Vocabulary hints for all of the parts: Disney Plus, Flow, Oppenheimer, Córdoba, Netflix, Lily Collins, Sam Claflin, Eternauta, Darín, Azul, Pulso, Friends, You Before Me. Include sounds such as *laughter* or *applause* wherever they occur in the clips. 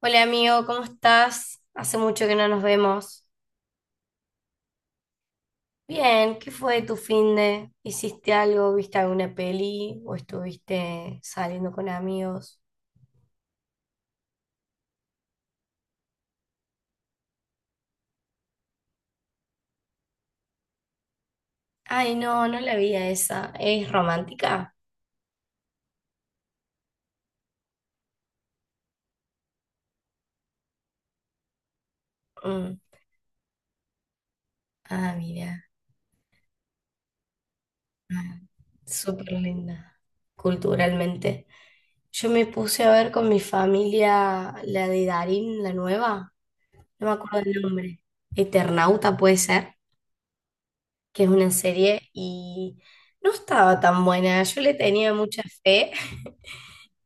Hola amigo, ¿cómo estás? Hace mucho que no nos vemos. Bien, ¿qué fue de tu fin de? ¿Hiciste algo? ¿Viste alguna peli? ¿O estuviste saliendo con amigos? Ay, no, no la vi a esa. ¿Es romántica? Mm. Ah, mira. Ah, súper linda. Culturalmente. Yo me puse a ver con mi familia la de Darín, la nueva. No me acuerdo el nombre. Eternauta puede ser. Que es una serie, y no estaba tan buena. Yo le tenía mucha fe *laughs*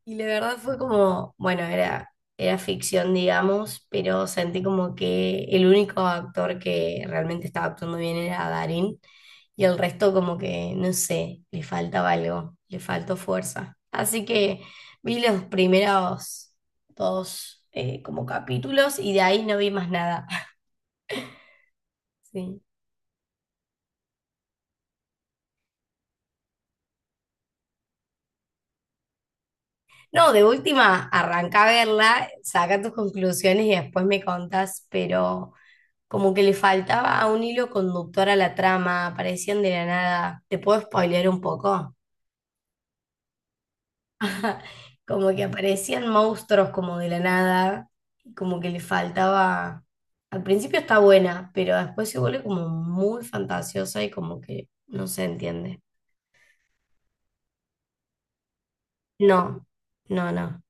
y la verdad fue como, bueno, era ficción, digamos, pero sentí como que el único actor que realmente estaba actuando bien era Darín y el resto como que, no sé, le faltaba algo, le faltó fuerza. Así que vi los primeros dos como capítulos y de ahí no vi más nada. *laughs* Sí. No, de última, arranca a verla, saca tus conclusiones y después me contas, pero como que le faltaba un hilo conductor a la trama, aparecían de la nada. ¿Te puedo spoilear un poco? Como que aparecían monstruos como de la nada, y como que le faltaba. Al principio está buena, pero después se vuelve como muy fantasiosa y como que no se entiende. No, no, no.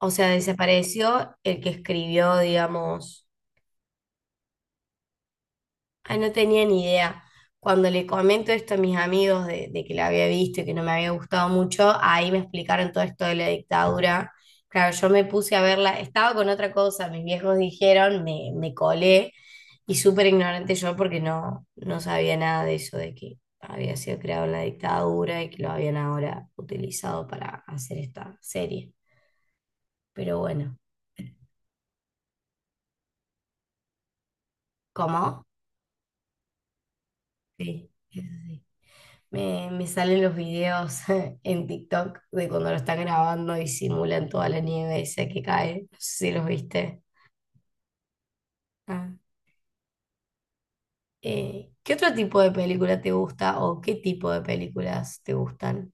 O sea, desapareció el que escribió, digamos. Ay, no tenía ni idea. Cuando le comento esto a mis amigos de que la había visto y que no me había gustado mucho, ahí me explicaron todo esto de la dictadura. Claro, yo me puse a verla, estaba con otra cosa, mis viejos dijeron, me colé y súper ignorante yo porque no, no sabía nada de eso, de que había sido creado en la dictadura y que lo habían ahora utilizado para hacer esta serie. Pero bueno, ¿cómo? Sí, eso sí. Me salen los videos *laughs* en TikTok de cuando lo están grabando y simulan toda la nieve esa que cae. No sé si los viste. Ah. ¿Qué otro tipo de película te gusta o qué tipo de películas te gustan?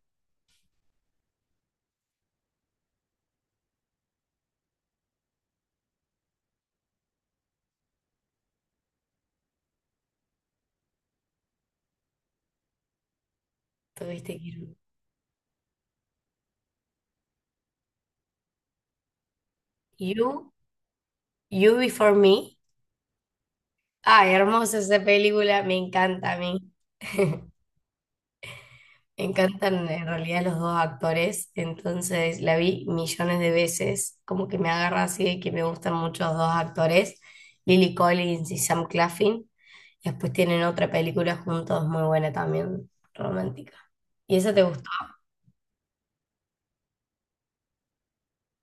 ¿Tuviste que ir- You, You Before Me. Ay, hermosa esa película, me encanta a mí. *laughs* Me encantan en realidad los dos actores, entonces la vi millones de veces, como que me agarra así de que me gustan mucho los dos actores, Lily Collins y Sam Claflin. Y después tienen otra película juntos muy buena también, romántica. ¿Y esa te gustó?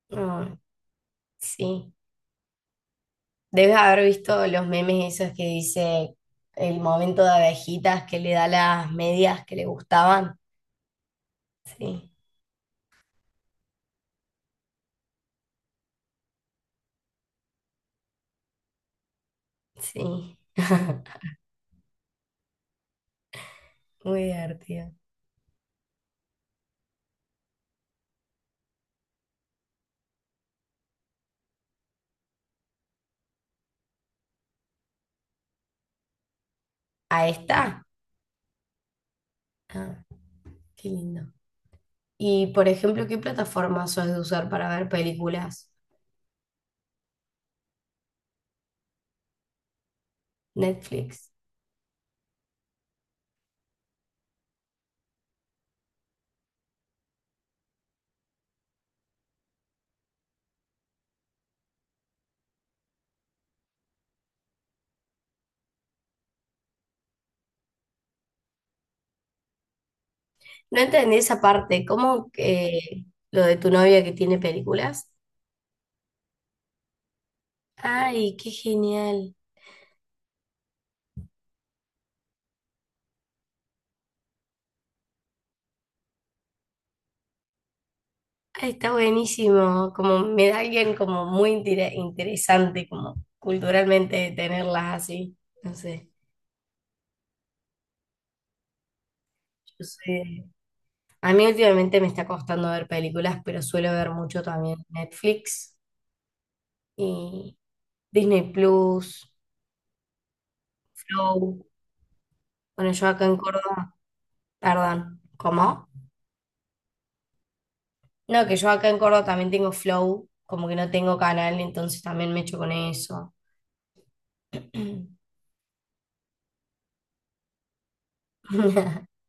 Mm, sí. Debes haber visto los memes esos que dice el momento de abejitas que le da las medias que le gustaban. Sí, sí. *laughs* Muy divertido. ¿A esta? Ah, qué lindo. Y, por ejemplo, ¿qué plataforma sos de usar para ver películas? Netflix. No entendí esa parte. ¿Cómo que lo de tu novia que tiene películas? Ay, qué genial. Ay, está buenísimo. Como me da alguien como muy interesante, como culturalmente tenerlas así. No sé. Yo soy- A mí últimamente me está costando ver películas, pero suelo ver mucho también Netflix y Disney Plus, Flow. Bueno, yo acá en Córdoba, perdón, ¿cómo? No, que yo acá en Córdoba también tengo Flow, como que no tengo canal, entonces también me echo con eso. *laughs*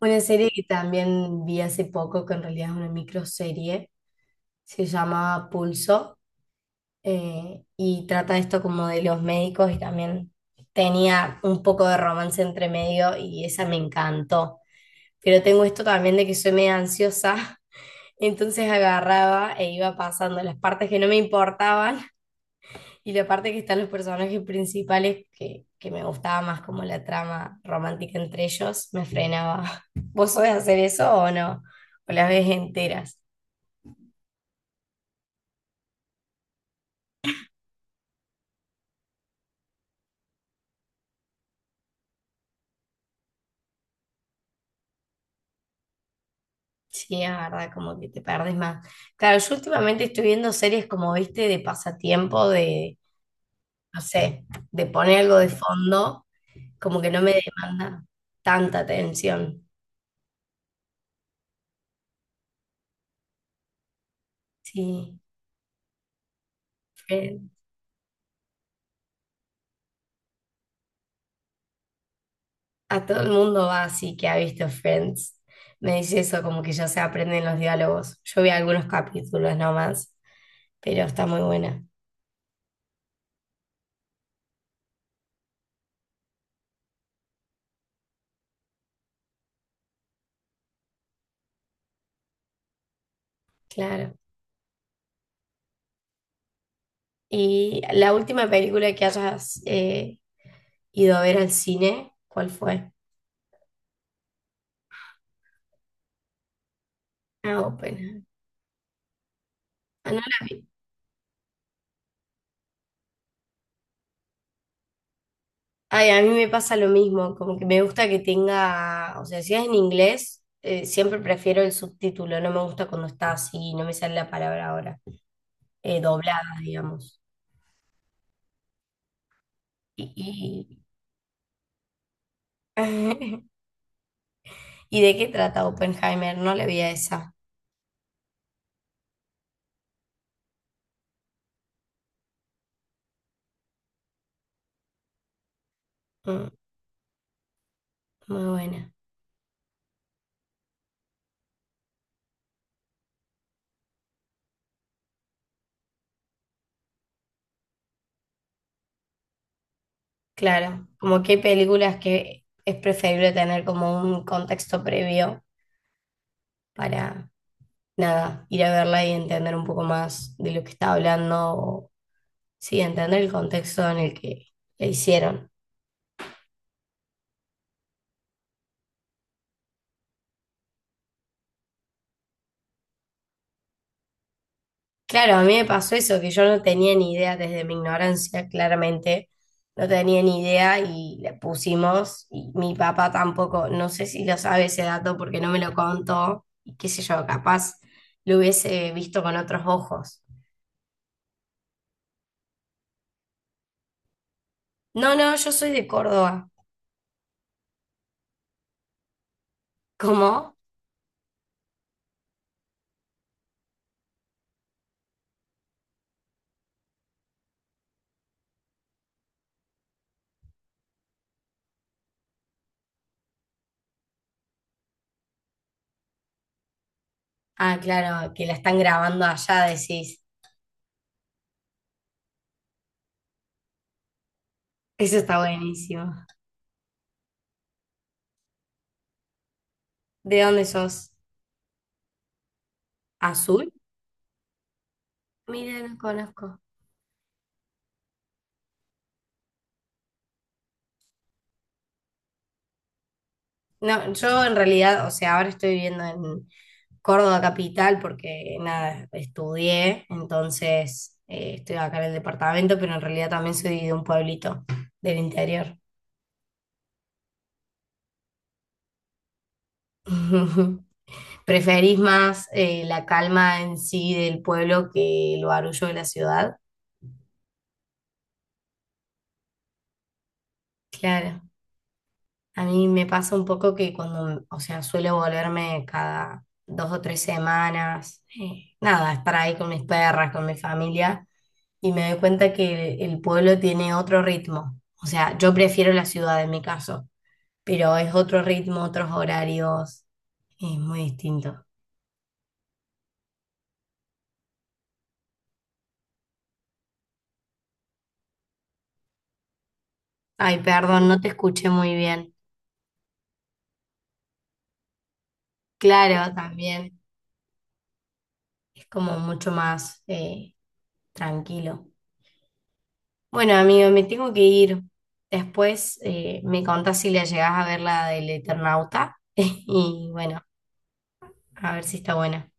Una serie que también vi hace poco, que en realidad es una microserie, se llama Pulso, y trata esto como de los médicos y también tenía un poco de romance entre medio y esa me encantó. Pero tengo esto también de que soy medio ansiosa. Entonces agarraba e iba pasando las partes que no me importaban y la parte que están los personajes principales que me gustaba más como la trama romántica entre ellos, me frenaba. *laughs* ¿Vos sabés hacer eso o no? ¿O las ves enteras? Sí, es verdad, como que te perdés más. Claro, yo últimamente estoy viendo series como, viste, de pasatiempo, de, no sé, de poner algo de fondo, como que no me demanda tanta atención. Sí. eh, A todo el mundo va así que ha visto Friends. Me dice eso, como que ya se aprenden los diálogos. Yo vi algunos capítulos nomás, pero está muy buena, claro. ¿Y la última película que hayas ido a ver al cine, cuál fue? Ah, Oppenheimer. Ah, no la vi. Ay, a mí me pasa lo mismo, como que me gusta que tenga, o sea, si es en inglés, siempre prefiero el subtítulo, no me gusta cuando está así, no me sale la palabra ahora, doblada, digamos. Y, y- *laughs* ¿Y de qué trata Oppenheimer? No le vi a esa. Mm, muy buena. Claro, como que hay películas que es preferible tener como un contexto previo para, nada, ir a verla y entender un poco más de lo que está hablando, o, sí, entender el contexto en el que la hicieron. Claro, a mí me pasó eso, que yo no tenía ni idea desde mi ignorancia, claramente, no tenía ni idea y le pusimos, y mi papá tampoco, no sé si lo sabe ese dato porque no me lo contó, y qué sé yo, capaz lo hubiese visto con otros ojos. No, no, yo soy de Córdoba. ¿Cómo? Ah, claro, que la están grabando allá, decís. Eso está buenísimo. ¿De dónde sos? ¿Azul? Mira, no conozco. No, yo en realidad, o sea, ahora estoy viviendo en Córdoba capital porque nada, estudié, entonces estoy acá en el departamento, pero en realidad también soy de un pueblito del interior. *laughs* ¿Preferís más la calma en sí del pueblo que el barullo de la ciudad? Claro. A mí me pasa un poco que cuando, o sea, suelo volverme cada 2 o 3 semanas, nada, estar ahí con mis perras, con mi familia, y me doy cuenta que el pueblo tiene otro ritmo. O sea, yo prefiero la ciudad en mi caso, pero es otro ritmo, otros horarios, es muy distinto. Ay, perdón, no te escuché muy bien. Claro, también es como mucho más tranquilo. Bueno, amigo, me tengo que ir. Después me contás si la llegás a ver la del Eternauta. *laughs* Y bueno, a ver si está buena.